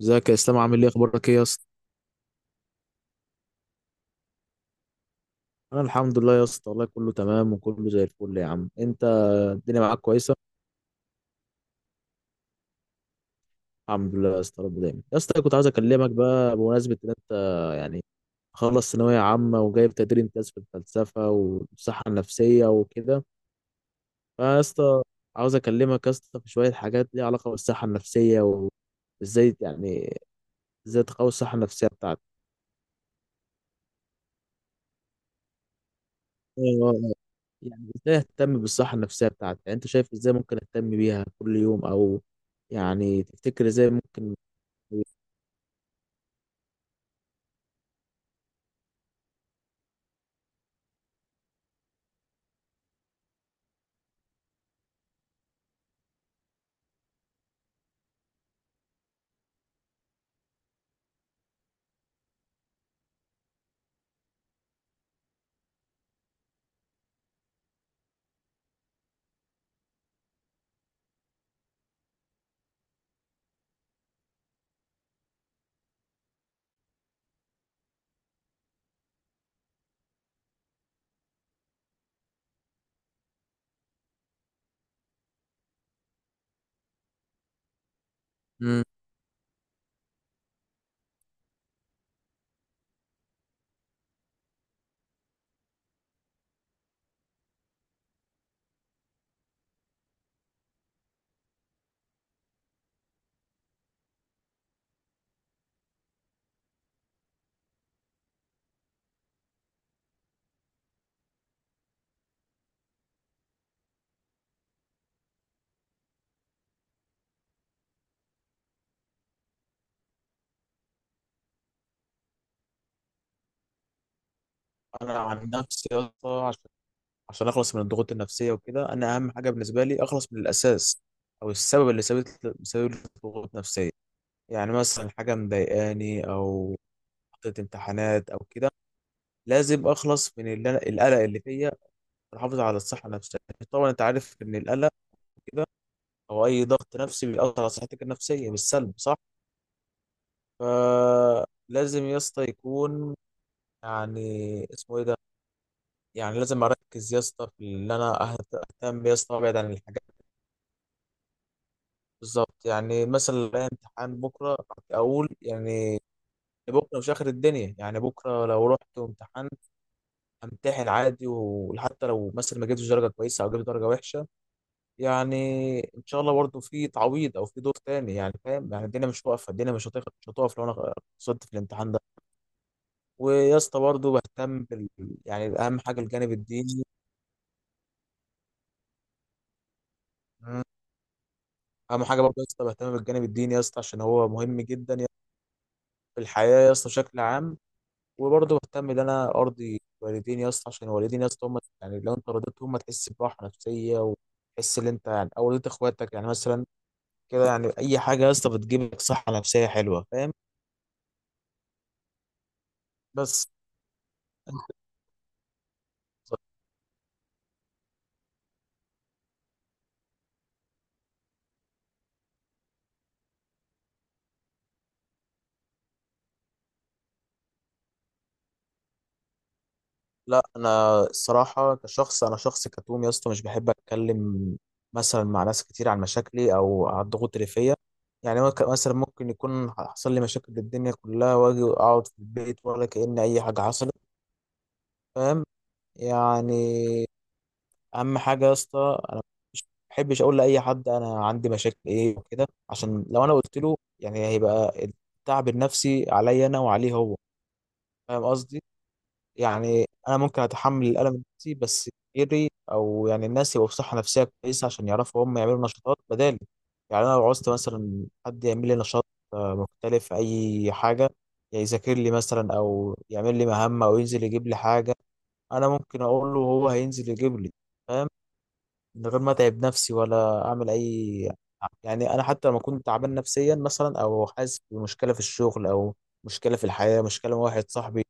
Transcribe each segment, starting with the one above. ازيك يا اسلام؟ عامل ايه؟ اخبارك ايه يا اسطى؟ انا الحمد لله يا اسطى، والله كله تمام وكله زي الفل يا عم انت. الدنيا معاك كويسه. الحمد لله يا اسطى، رب دايما يا اسطى. كنت عايز اكلمك بقى بمناسبه ان انت يعني خلص ثانويه عامه وجايب تقدير امتياز في الفلسفه والصحه النفسيه وكده. فيا اسطى، عاوز اكلمك يا اسطى في شويه حاجات ليها علاقه بالصحه النفسيه، وازاي يعني ازاي تقوي الصحه النفسيه بتاعتك. يعني ازاي اهتم بالصحة النفسية بتاعتي؟ يعني انت شايف ازاي ممكن اهتم بيها كل يوم؟ او يعني تفتكر ازاي ممكن؟ امم انا عن نفسي يا اسطى، عشان عشان اخلص من الضغوط النفسية وكده، انا اهم حاجة بالنسبة لي اخلص من الاساس او السبب اللي سبب سبب لي ضغوط نفسية. يعني مثلا حاجة مضايقاني، او ضغط امتحانات او كده. لازم اخلص من اللي القلق اللي فيا، واحافظ على الصحة النفسية. طبعا انت عارف ان القلق كده، او اي ضغط نفسي، بيأثر على صحتك النفسية بالسلب، صح؟ فلازم يا اسطى يكون، يعني اسمه ايه ده، يعني لازم اركز يا اسطى في اللي انا اهتم يا اسطى، وابعد عن الحاجات. بالظبط، يعني مثلا لو عليا امتحان بكره، اقول يعني بكره مش اخر الدنيا. يعني بكره لو رحت وامتحنت، امتحن عادي، وحتى لو مثلا ما جبتش درجه كويسه او جبت درجه وحشه، يعني ان شاء الله برضه في تعويض او في دور تاني. يعني فاهم؟ يعني الدنيا مش واقفه، الدنيا مش هتقف، مش هتقف لو انا خسرت في الامتحان ده. ويا اسطى برضه بهتم بال... يعني اهم حاجه الجانب الديني. مم. اهم حاجه برضه يا اسطى بهتم بالجانب الديني يا اسطى، عشان هو مهم جدا اسطى في الحياه يا اسطى بشكل عام. وبرضه بهتم ان انا ارضي والديني يا اسطى، عشان والديني يا اسطى هم، يعني لو انت رضيتهم هتحس براحه نفسيه، وتحس ان انت يعني او رضيت اخواتك، يعني مثلا كده. يعني اي حاجه يا اسطى بتجيب لك صحه نفسيه حلوه، فاهم؟ بس لا، انا الصراحه كشخص انا شخص كتوم يا اسطى، مش بحب اتكلم مثلا مع ناس كتير عن مشاكلي او عن الضغوط اللي فيا. يعني مثلا ممكن يكون حصل لي مشاكل الدنيا كلها واجي اقعد في البيت ولا كأن اي حاجه حصلت. فاهم يعني؟ اهم حاجه يا اسطى انا مش بحبش اقول لاي حد انا عندي مشاكل ايه وكده، عشان لو انا قلت له يعني هيبقى التعب النفسي عليا انا وعليه هو. فاهم قصدي؟ يعني انا ممكن اتحمل الالم النفسي، بس غيري، او يعني الناس، يبقوا في صحه نفسيه كويسه عشان يعرفوا هم يعملوا نشاطات بدالي. يعني انا لو عوزت مثلا حد يعمل لي نشاط مختلف، اي حاجه، يعني يذاكر لي مثلا او يعمل لي مهمه او ينزل يجيب لي حاجه، انا ممكن اقول له وهو هينزل يجيب لي، فاهم؟ من غير ما اتعب نفسي ولا اعمل اي، يعني انا حتى لما كنت تعبان نفسيا مثلا، او حاسس بمشكله في الشغل، او مشكله في الحياه، مشكله مع واحد صاحبي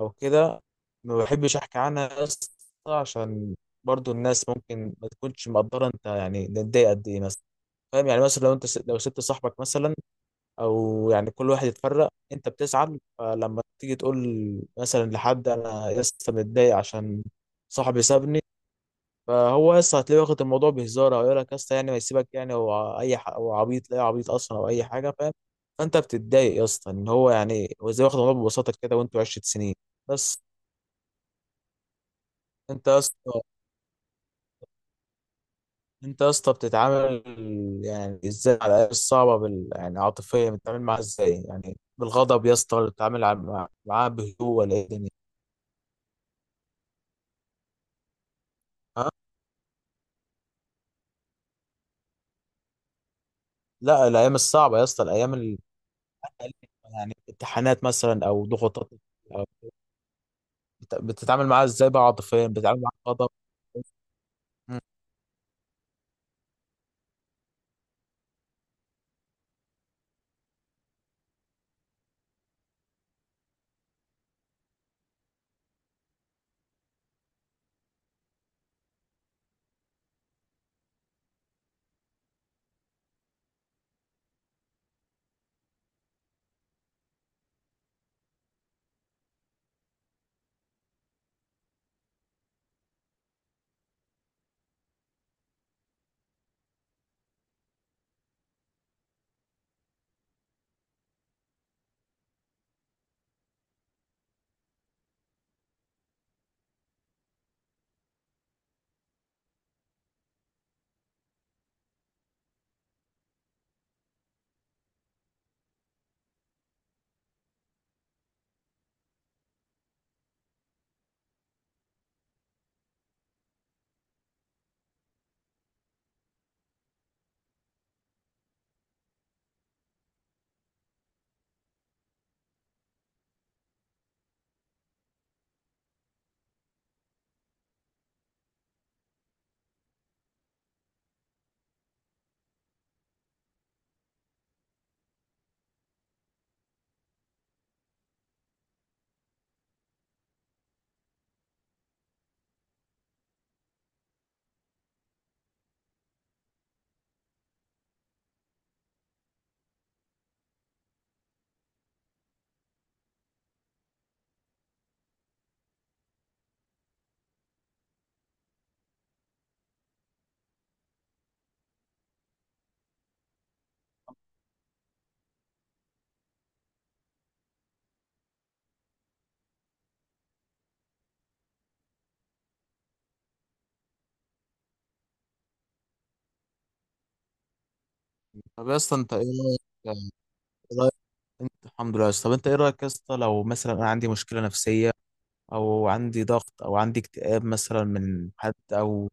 او كده، ما بحبش احكي عنها اصلا، عشان برضو الناس ممكن ما تكونش مقدره انت يعني نتضايق قد ايه مثلا. فاهم يعني؟ مثلا لو انت س... لو سبت صاحبك مثلا، او يعني كل واحد يتفرق، انت بتزعل، فلما تيجي تقول مثلا لحد انا لسه متضايق عشان صاحبي سابني، فهو لسه هتلاقيه واخد الموضوع بهزار، او يقول لك لسه يعني ما يسيبك، يعني هو اي ح... هو عبيط، لا عبيط اصلا، او اي حاجه، فاهم؟ فانت بتتضايق يا اسطى ان هو، يعني هو ازاي واخد الموضوع ببساطه كده وانتوا 10 سنين؟ بس. انت يا اسطى انت يا اسطى بتتعامل، يعني ازاي على الايام الصعبه بال... يعني عاطفيا بتتعامل معاها ازاي؟ يعني بالغضب يا اسطى، ولا بتتعامل معاها بهدوء، ولا ايه الدنيا؟ ها؟ لا، الايام الصعبه يا اسطى، الايام ال... يعني امتحانات مثلا او ضغوطات او بتتعامل معاها ازاي بقى؟ عاطفيا بتتعامل معاها بغضب؟ طب يا اسطى انت ايه رايك يعني؟ ايه رايك انت؟ الحمد لله يا اسطى. طب انت ايه رايك يا اسطى لو مثلا انا عندي مشكله نفسيه، او عندي ضغط، او عندي اكتئاب مثلا من حد، او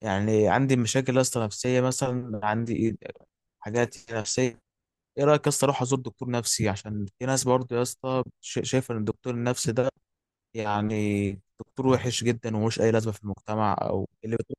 يعني عندي مشاكل يا اسطى نفسيه، مثلا عندي إيه، حاجات نفسيه، ايه رايك يا اسطى اروح ازور دكتور نفسي؟ عشان في ناس برضه يا اسطى شايفه ان الدكتور النفسي ده يعني دكتور وحش جدا ومش اي لازمه في المجتمع، او اللي بتقول.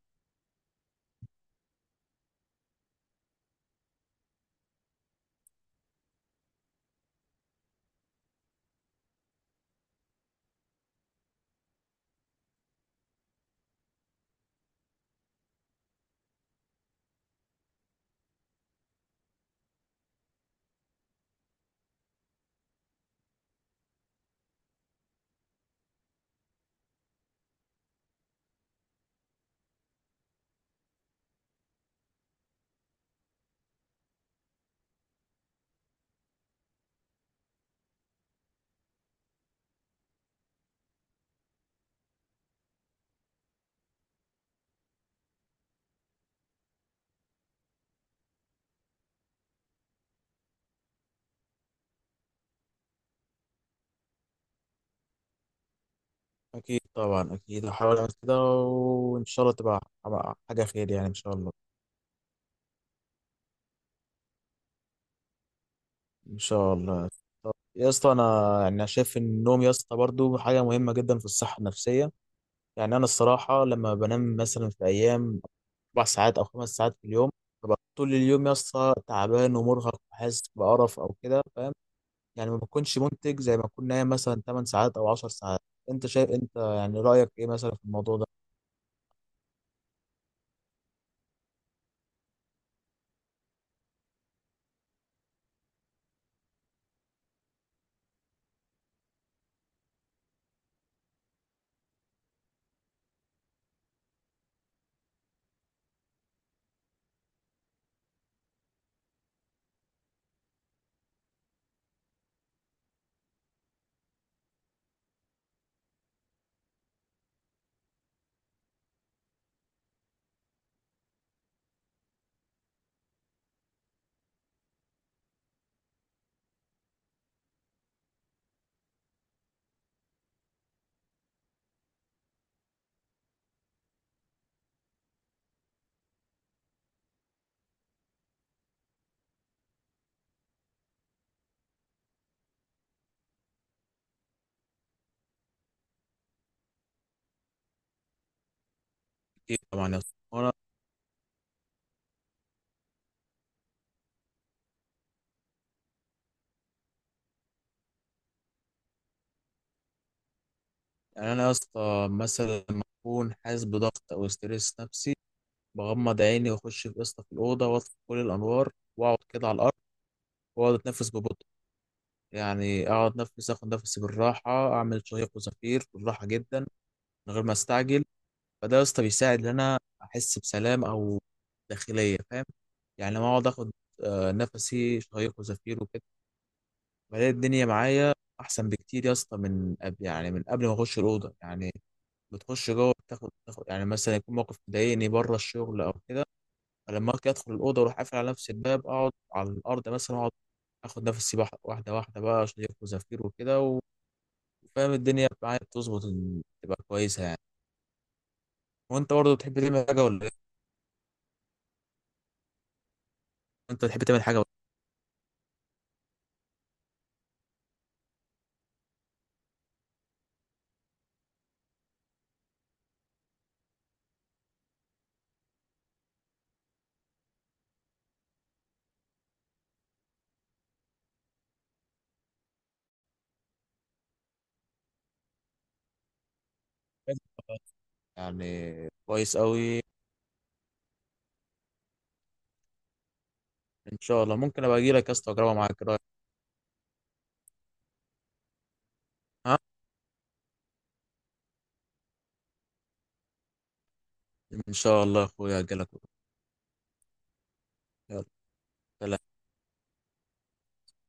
اكيد طبعا، اكيد هحاول اعمل كده وان شاء الله تبقى تبقى حاجه خير يعني ان شاء الله. ان شاء الله. طب يا اسطى انا يعني أنا شايف ان النوم يا اسطى برضه حاجه مهمه جدا في الصحه النفسيه. يعني انا الصراحه لما بنام مثلا في ايام اربع ساعات او خمس ساعات في اليوم، ببقى طول اليوم يا اسطى تعبان ومرهق وحاسس بقرف او كده، فاهم؟ يعني ما بكونش منتج زي ما اكون نايم مثلا 8 ساعات او 10 ساعات. انت شايف، انت يعني رايك ايه مثلا في الموضوع ده؟ ايه طبعا يا اسطى. انا يعني انا يا اسطى مثلا لما اكون حاسس بضغط او ستريس نفسي، بغمض عيني واخش في اسطى في الاوضه، واطفي كل الانوار، واقعد كده على الارض، واقعد اتنفس ببطء. يعني اقعد نفس، اخد نفسي بالراحه، اعمل شهيق وزفير بالراحه جدا، من غير ما استعجل. فده يا اسطى بيساعد ان انا احس بسلام، او داخليه، فاهم؟ يعني لما اقعد اخد نفسي شهيق وزفير وكده، بلاقي الدنيا معايا احسن بكتير يا اسطى من قبل، يعني من قبل ما اخش الاوضه. يعني بتخش جوه، بتاخد يعني مثلا يكون موقف مضايقني بره الشغل او كده، فلما اجي ادخل الاوضه واروح قافل على نفسي الباب، اقعد على الارض مثلا، اقعد اخد نفسي واحده واحده بقى، شهيق وزفير وكده، وفاهم الدنيا معايا بتظبط إن تبقى كويسه يعني. وانت برضه بتحب تعمل حاجه ولا إيه؟ انت بتحب تعمل حاجه؟ يعني كويس قوي. ان شاء الله ممكن ابقى اجي لك يا اسطى اجربها معاك، إيه رأيك؟ ها؟ ان شاء الله يا اخويا اجي لك. يلا سلام.